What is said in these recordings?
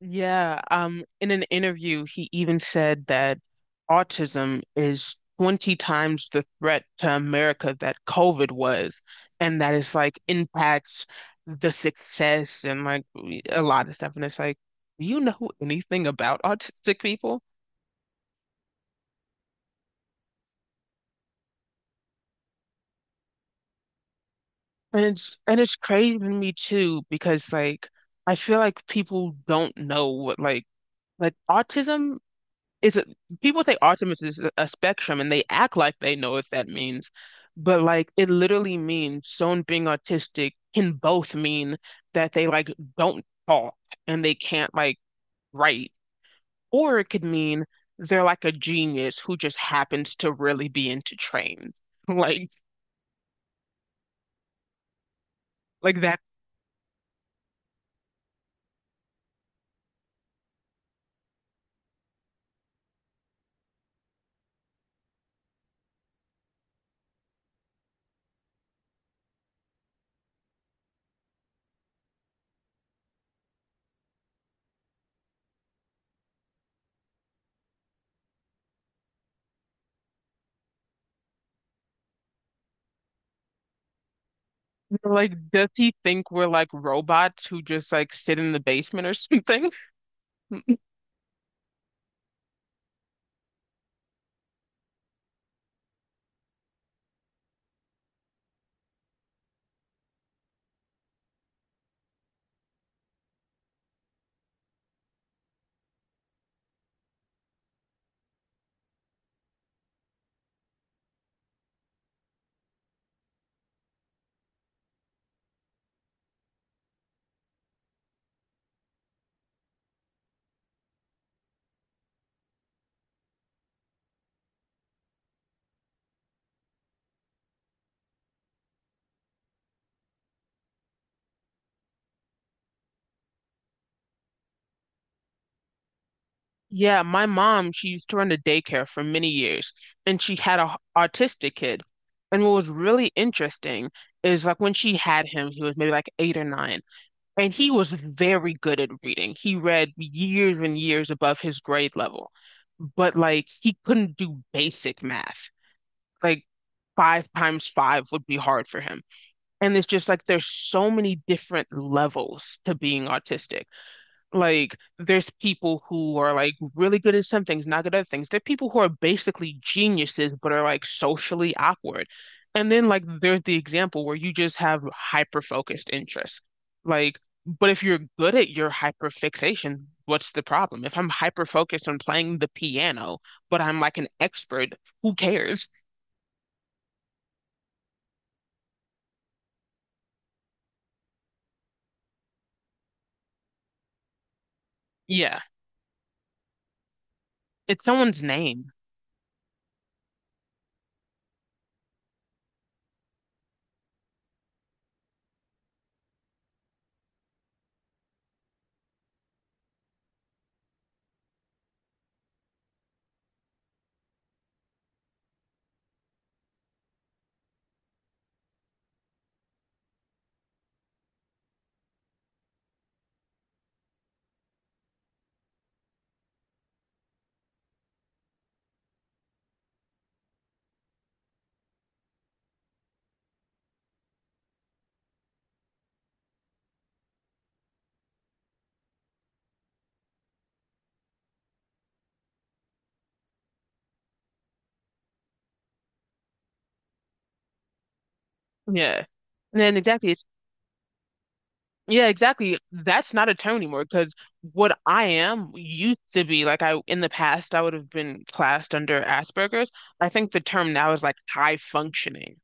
Yeah, in an interview, he even said that autism is 20 times the threat to America that COVID was, and that it's like impacts the success and like a lot of stuff. And it's like, do you know anything about autistic people? And it's crazy to me too, because like I feel like people don't know what like it's a, people think autism is a spectrum and they act like they know what that means. But like it literally means someone being autistic can both mean that they like don't talk and they can't like write, or it could mean they're like a genius who just happens to really be into trains. Like, like that, like does he think we're like robots who just like sit in the basement or something? Yeah, my mom, she used to run a daycare for many years, and she had a autistic kid. And what was really interesting is like when she had him, he was maybe like 8 or 9, and he was very good at reading. He read years and years above his grade level, but like he couldn't do basic math. Like five times five would be hard for him. And it's just like there's so many different levels to being autistic. Like, there's people who are like really good at some things, not good at other things. There are people who are basically geniuses, but are like socially awkward. And then, like, there's the example where you just have hyper focused interests. Like, but if you're good at your hyper fixation, what's the problem? If I'm hyper focused on playing the piano, but I'm like an expert, who cares? Yeah, it's someone's name. Yeah. And then exactly, it's Yeah, exactly. That's not a term anymore because what I am used to be like, I, in the past, I would have been classed under Asperger's. I think the term now is like high functioning.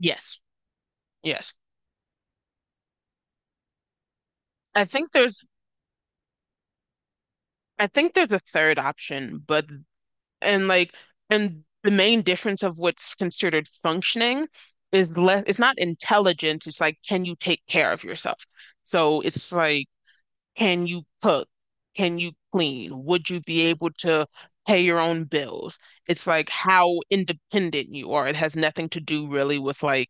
Yes. Yes. I think there's I think there's a third option, but and like and the main difference of what's considered functioning is less, it's not intelligence, it's like, can you take care of yourself? So it's like, can you cook? Can you clean? Would you be able to pay your own bills? It's like how independent you are. It has nothing to do really with like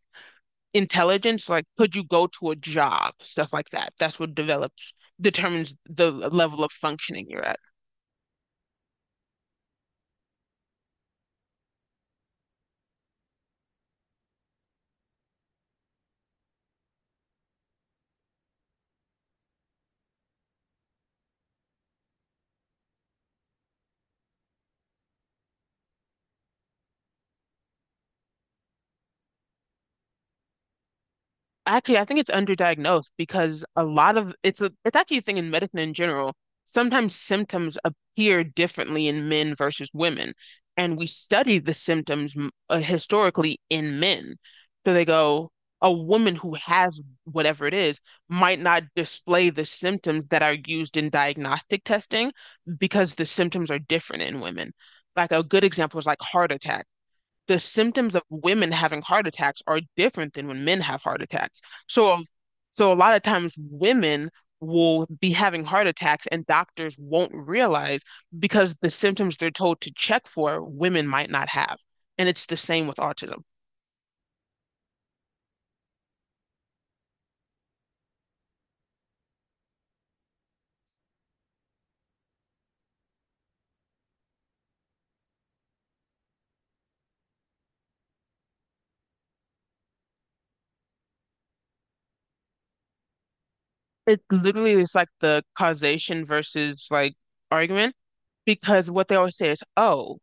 intelligence. Like, could you go to a job? Stuff like that. That's what develops, determines the level of functioning you're at. Actually, I think it's underdiagnosed because a lot of it's actually a thing in medicine in general. Sometimes symptoms appear differently in men versus women, and we study the symptoms historically in men. So they go, a woman who has whatever it is might not display the symptoms that are used in diagnostic testing because the symptoms are different in women. Like a good example is like heart attack, the symptoms of women having heart attacks are different than when men have heart attacks. So, a lot of times women will be having heart attacks and doctors won't realize because the symptoms they're told to check for, women might not have. And it's the same with autism. It literally is like the causation versus like argument, because what they always say is, oh,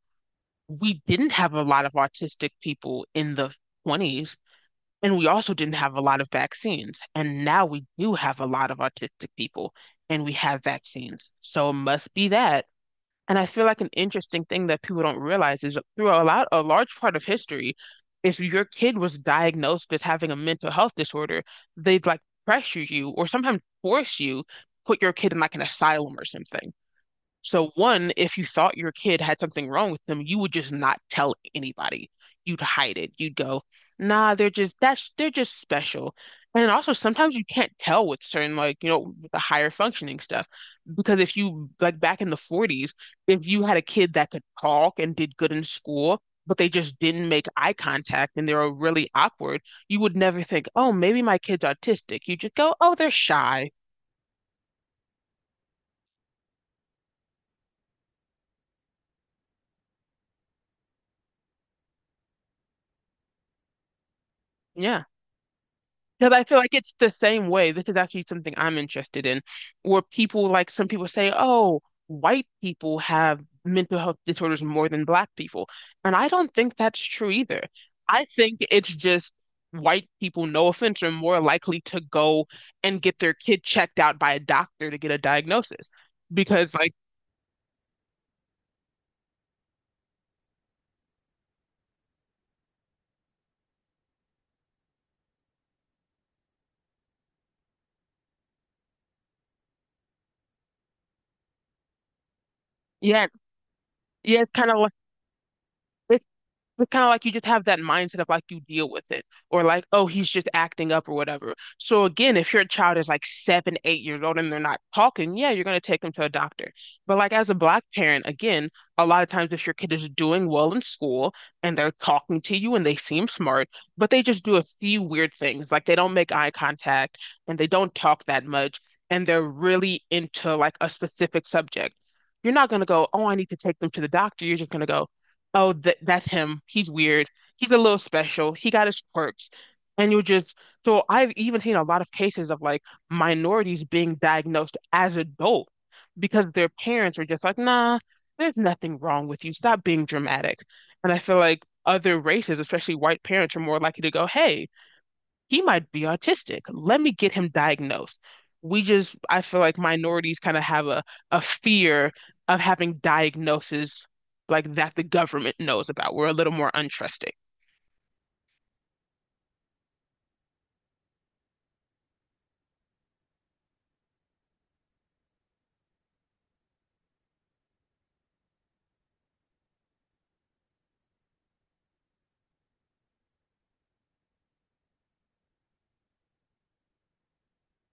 we didn't have a lot of autistic people in the 20s. And we also didn't have a lot of vaccines. And now we do have a lot of autistic people and we have vaccines. So it must be that. And I feel like an interesting thing that people don't realize is through a large part of history, if your kid was diagnosed as having a mental health disorder, they'd like pressure you or sometimes force you put your kid in like an asylum or something. So one, if you thought your kid had something wrong with them, you would just not tell anybody. You'd hide it. You'd go, nah, they're just that's they're just special. And also sometimes you can't tell with certain, like, you know, the higher functioning stuff. Because if you like back in the 40s, if you had a kid that could talk and did good in school, but they just didn't make eye contact and they were really awkward, you would never think, oh, maybe my kid's autistic. You just go, oh, they're shy. Yeah. Because I feel like it's the same way. This is actually something I'm interested in, where people like some people say, oh, white people have mental health disorders more than black people. And I don't think that's true either. I think it's just white people, no offense, are more likely to go and get their kid checked out by a doctor to get a diagnosis. Because, like, yeah, yeah, like, It's kind of like, you just have that mindset of like you deal with it, or like, oh, he's just acting up or whatever. So again, if your child is like 7, 8 years old and they're not talking, yeah, you're gonna take them to a doctor. But like as a black parent, again, a lot of times if your kid is doing well in school and they're talking to you and they seem smart, but they just do a few weird things, like they don't make eye contact and they don't talk that much, and they're really into like a specific subject. You're not gonna go, oh, I need to take them to the doctor. You're just gonna go, oh, th that's him. He's weird. He's a little special. He got his quirks. And you just, so I've even seen a lot of cases of like minorities being diagnosed as adults because their parents were just like, nah, there's nothing wrong with you. Stop being dramatic. And I feel like other races, especially white parents, are more likely to go, hey, he might be autistic. Let me get him diagnosed. We just, I feel like minorities kind of have a fear of having diagnoses like that the government knows about. We're a little more untrusting.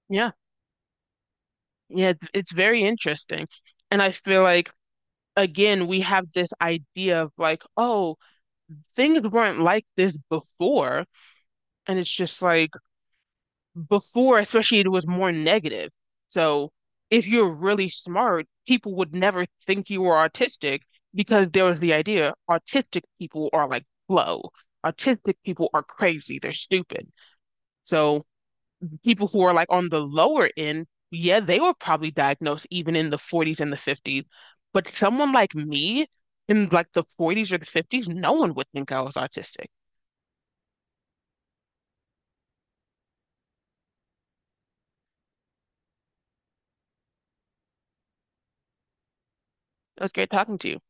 Yeah. Yeah. It's very interesting. And I feel like, again, we have this idea of like, oh, things weren't like this before. And it's just like, before, especially, it was more negative. So if you're really smart, people would never think you were autistic because there was the idea autistic people are like slow. Autistic people are crazy. They're stupid. So people who are like on the lower end, yeah, they were probably diagnosed even in the 40s and the 50s. But someone like me in like the 40s or the 50s, no one would think I was autistic. It was great talking to you.